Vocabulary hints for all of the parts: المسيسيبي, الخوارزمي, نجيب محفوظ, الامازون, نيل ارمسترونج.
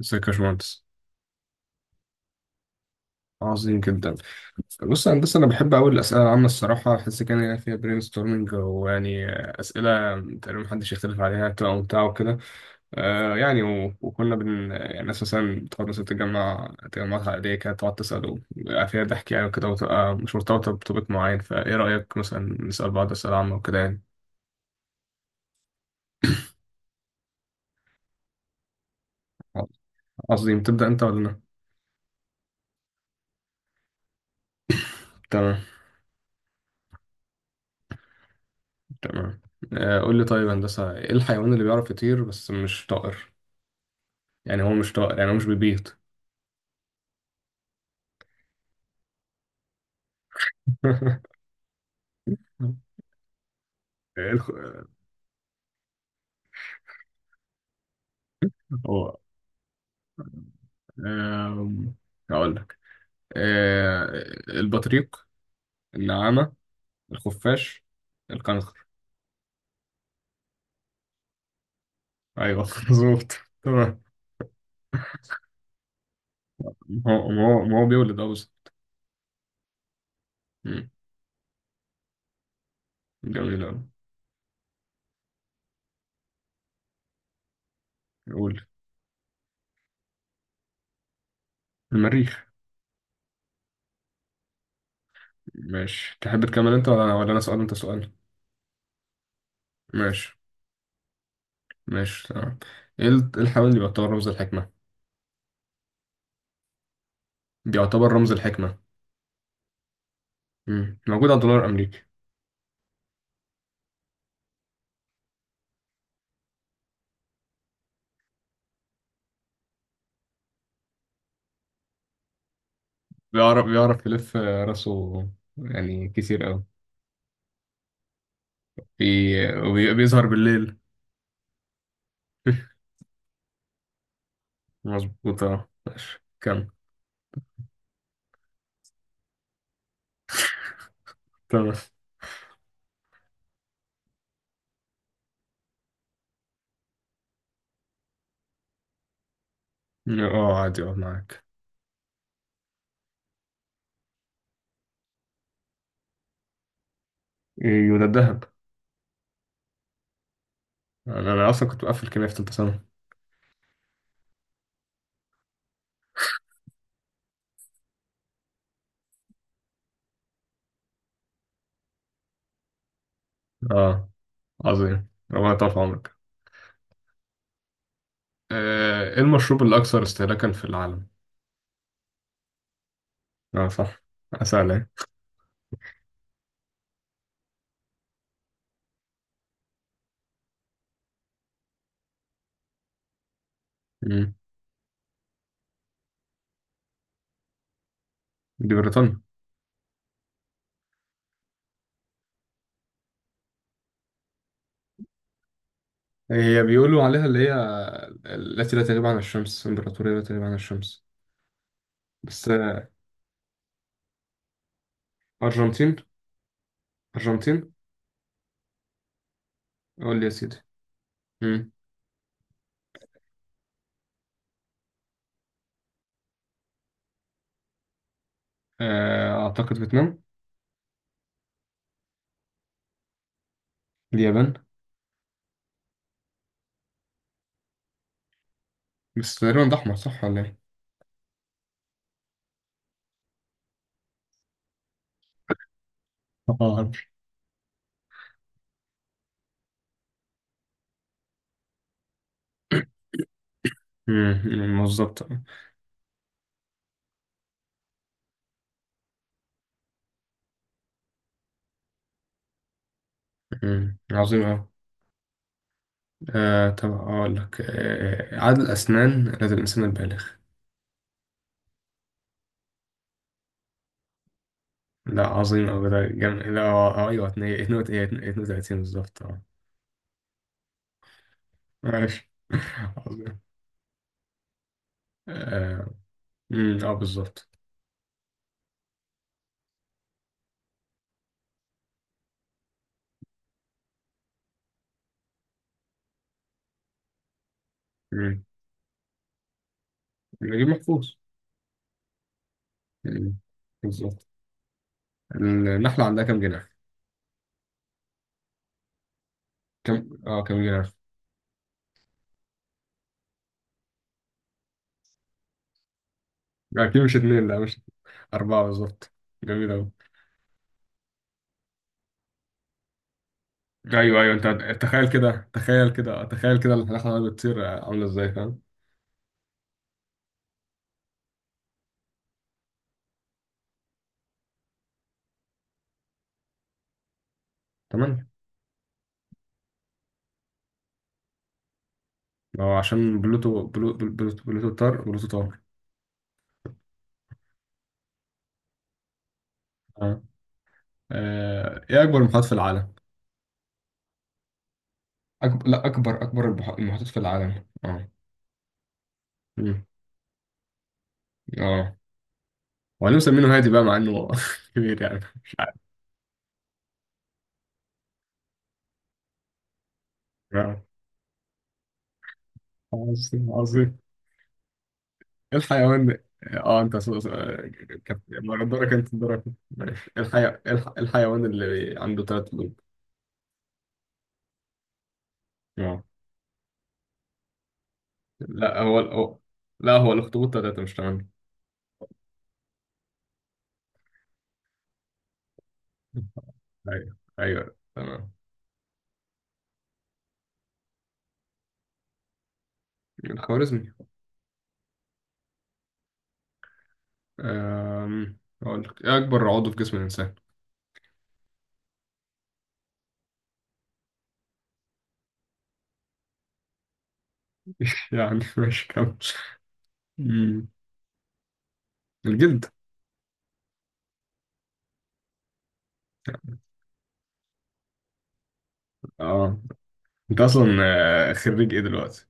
ازيك يا باشمهندس. عظيم جدا. بص يا هندسة، أنا بحب أوي الأسئلة العامة. الصراحة بحس كان يعني فيها برين ستورمنج، ويعني أسئلة تقريبا محدش يختلف عليها، بتبقى ممتعة وكده. آه يعني و... وكنا بن يعني الناس مثلا بتقعد، مثلا تجمعات عائلية كده، تقعد تسأل ويبقى فيها ضحك يعني وكده، وتبقى مش مرتبطة بتوبيك معين. فإيه رأيك مثلا نسأل بعض أسئلة عامة وكده يعني؟ عظيم. تبدأ أنت ولا أنا؟ تمام، تمام. قول لي طيب يا هندسة، إيه الحيوان اللي بيعرف يطير بس مش طائر؟ يعني هو مش طائر، يعني هو مش بيبيض. الخ- هو آم، هقول لك آه، البطريق، النعامة، الخفاش، الكنغر. ايوه مظبوط، تمام. ما هو بيولد اه، بس. مم، جميل أوي. قول. المريخ. ماشي، تحب تكمل انت ولا انا سؤال انت سؤال؟ ماشي، ماشي، تمام. إيه الحيوان اللي بيعتبر رمز الحكمة؟ بيعتبر رمز الحكمة. موجود على الدولار الأمريكي. بيعرف يلف راسه يعني كتير قوي. بي... بيظهر بالليل. مظبوط، اه ماشي كمل. تمام، اه عادي، اه معاك. يبقى الذهب. انا اصلا كنت بقفل كيمياء في تالتة ثانوي. اه عظيم، ربنا يطول في عمرك. ايه المشروب الاكثر استهلاكا في العالم؟ اه صح. اسال ايه. مم. دي بريطانيا. هي بيقولوا عليها، اللي هي التي لا تغيب عن الشمس، امبراطورية لا تغيب عن الشمس. بس آه،. أرجنتين، أرجنتين. قول لي يا سيدي. مم. أعتقد فيتنام. اليابان. بس تقريبا ده أحمر، صح ولا إيه؟ اه. مم، مم، بالظبط. عظيم أوي. طب أقول لك عدد الأسنان لدى الإنسان البالغ. لا عظيم أوي، ده جميل. لا أيوه 32 بالظبط ماشي عظيم أه مم، آه، بالظبط. مم، نجيب محفوظ. مم، بالظبط. النحلة عندها كام جناح؟ كم أه كام جناح؟ أكيد مش اتنين، لا. أربعة بالظبط. جميل أوي. أيوه، أيوه. أنت تخيل كده، تخيل كده، تخيل كده، الحلقة دي بتصير عاملة إزاي، فاهم؟ تمام. ما هو عشان بلوتو. بلوتو طار، بلوتو طار. أه. إيه أكبر المحيطات في العالم؟ أكبر لا أكبر أكبر البح- المحيطات في العالم مم. أه. وبعدين مسمينه هادي بقى مع إنه كبير، يعني مش عارف. آه. عظيم، عظيم. إيه الحيوان ده؟ اه انت س- س- كانت- ما دورك، انت دورك. ماشي، إيه الحيوان اللي عنده ثلاث قلوب؟ اه. لا هو هو- لا، هو الأخطبوط تلاتة مش تمانية. أيوه، أيوه تمام. الخوارزمي. أقول لك، إيه أكبر عضو في جسم الإنسان؟ يعني ماشي كمل. أمم، الجلد. اه انت اصلا آه،، خريج ايه دلوقتي؟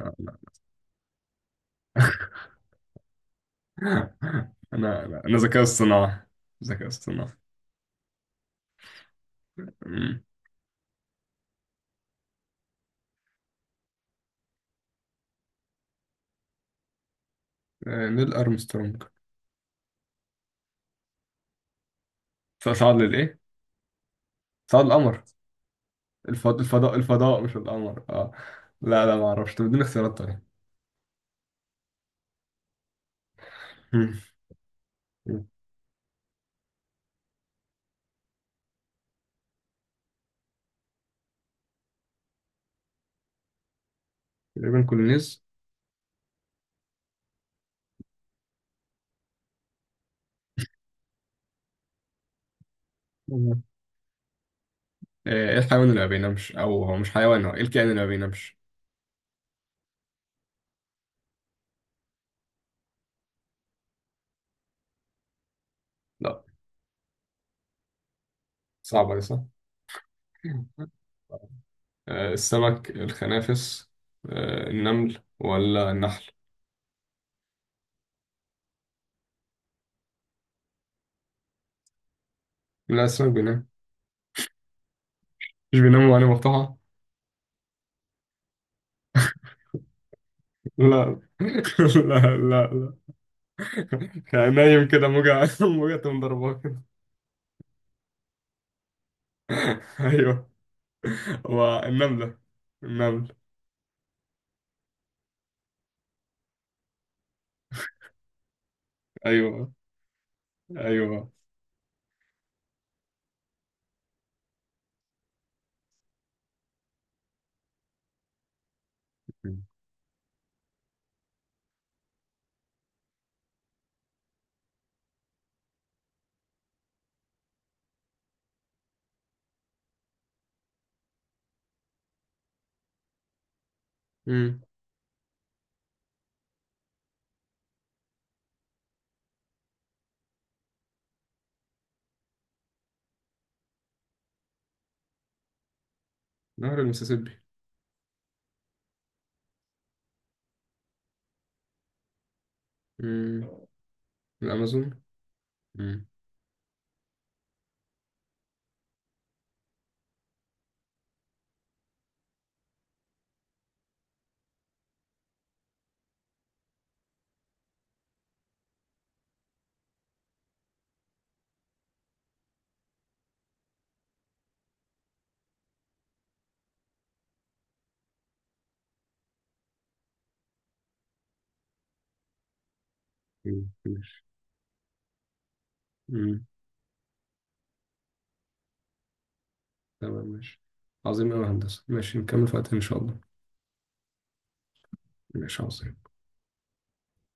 لا. انا ذكاء اصطناعي، ذكاء اصطناعي. أمم. نيل ارمسترونج. صعد للايه؟ صعد القمر. الفضاء، الفضاء، الفضاء، مش القمر، اه. لا، لا، ما اعرفش، طب اديني اختيارات تانية. تقريبا كولونيز. مم. ايه الحيوان اللي ما بينامش، او هو مش حيوان، هو ايه الكائن اللي ما بينامش؟ لا. صعبة دي صح. السمك، الخنافس، النمل ولا النحل؟ لا السمك بينام. مش بينام وعينه مفتوحة. لا لا، لا، لا. يعني نايم كده، موجة موجة تقوم ضرباه كده. ايوه. هو النملة، النمل. ايوه، ايوه. مم. نهر المسيسيبي. مم. الامازون. مم. ماشي. مم. تمام ماشي. عظيم أوي يا هندسة، ماشي نكمل في وقت إن شاء الله. ماشي، عظيم.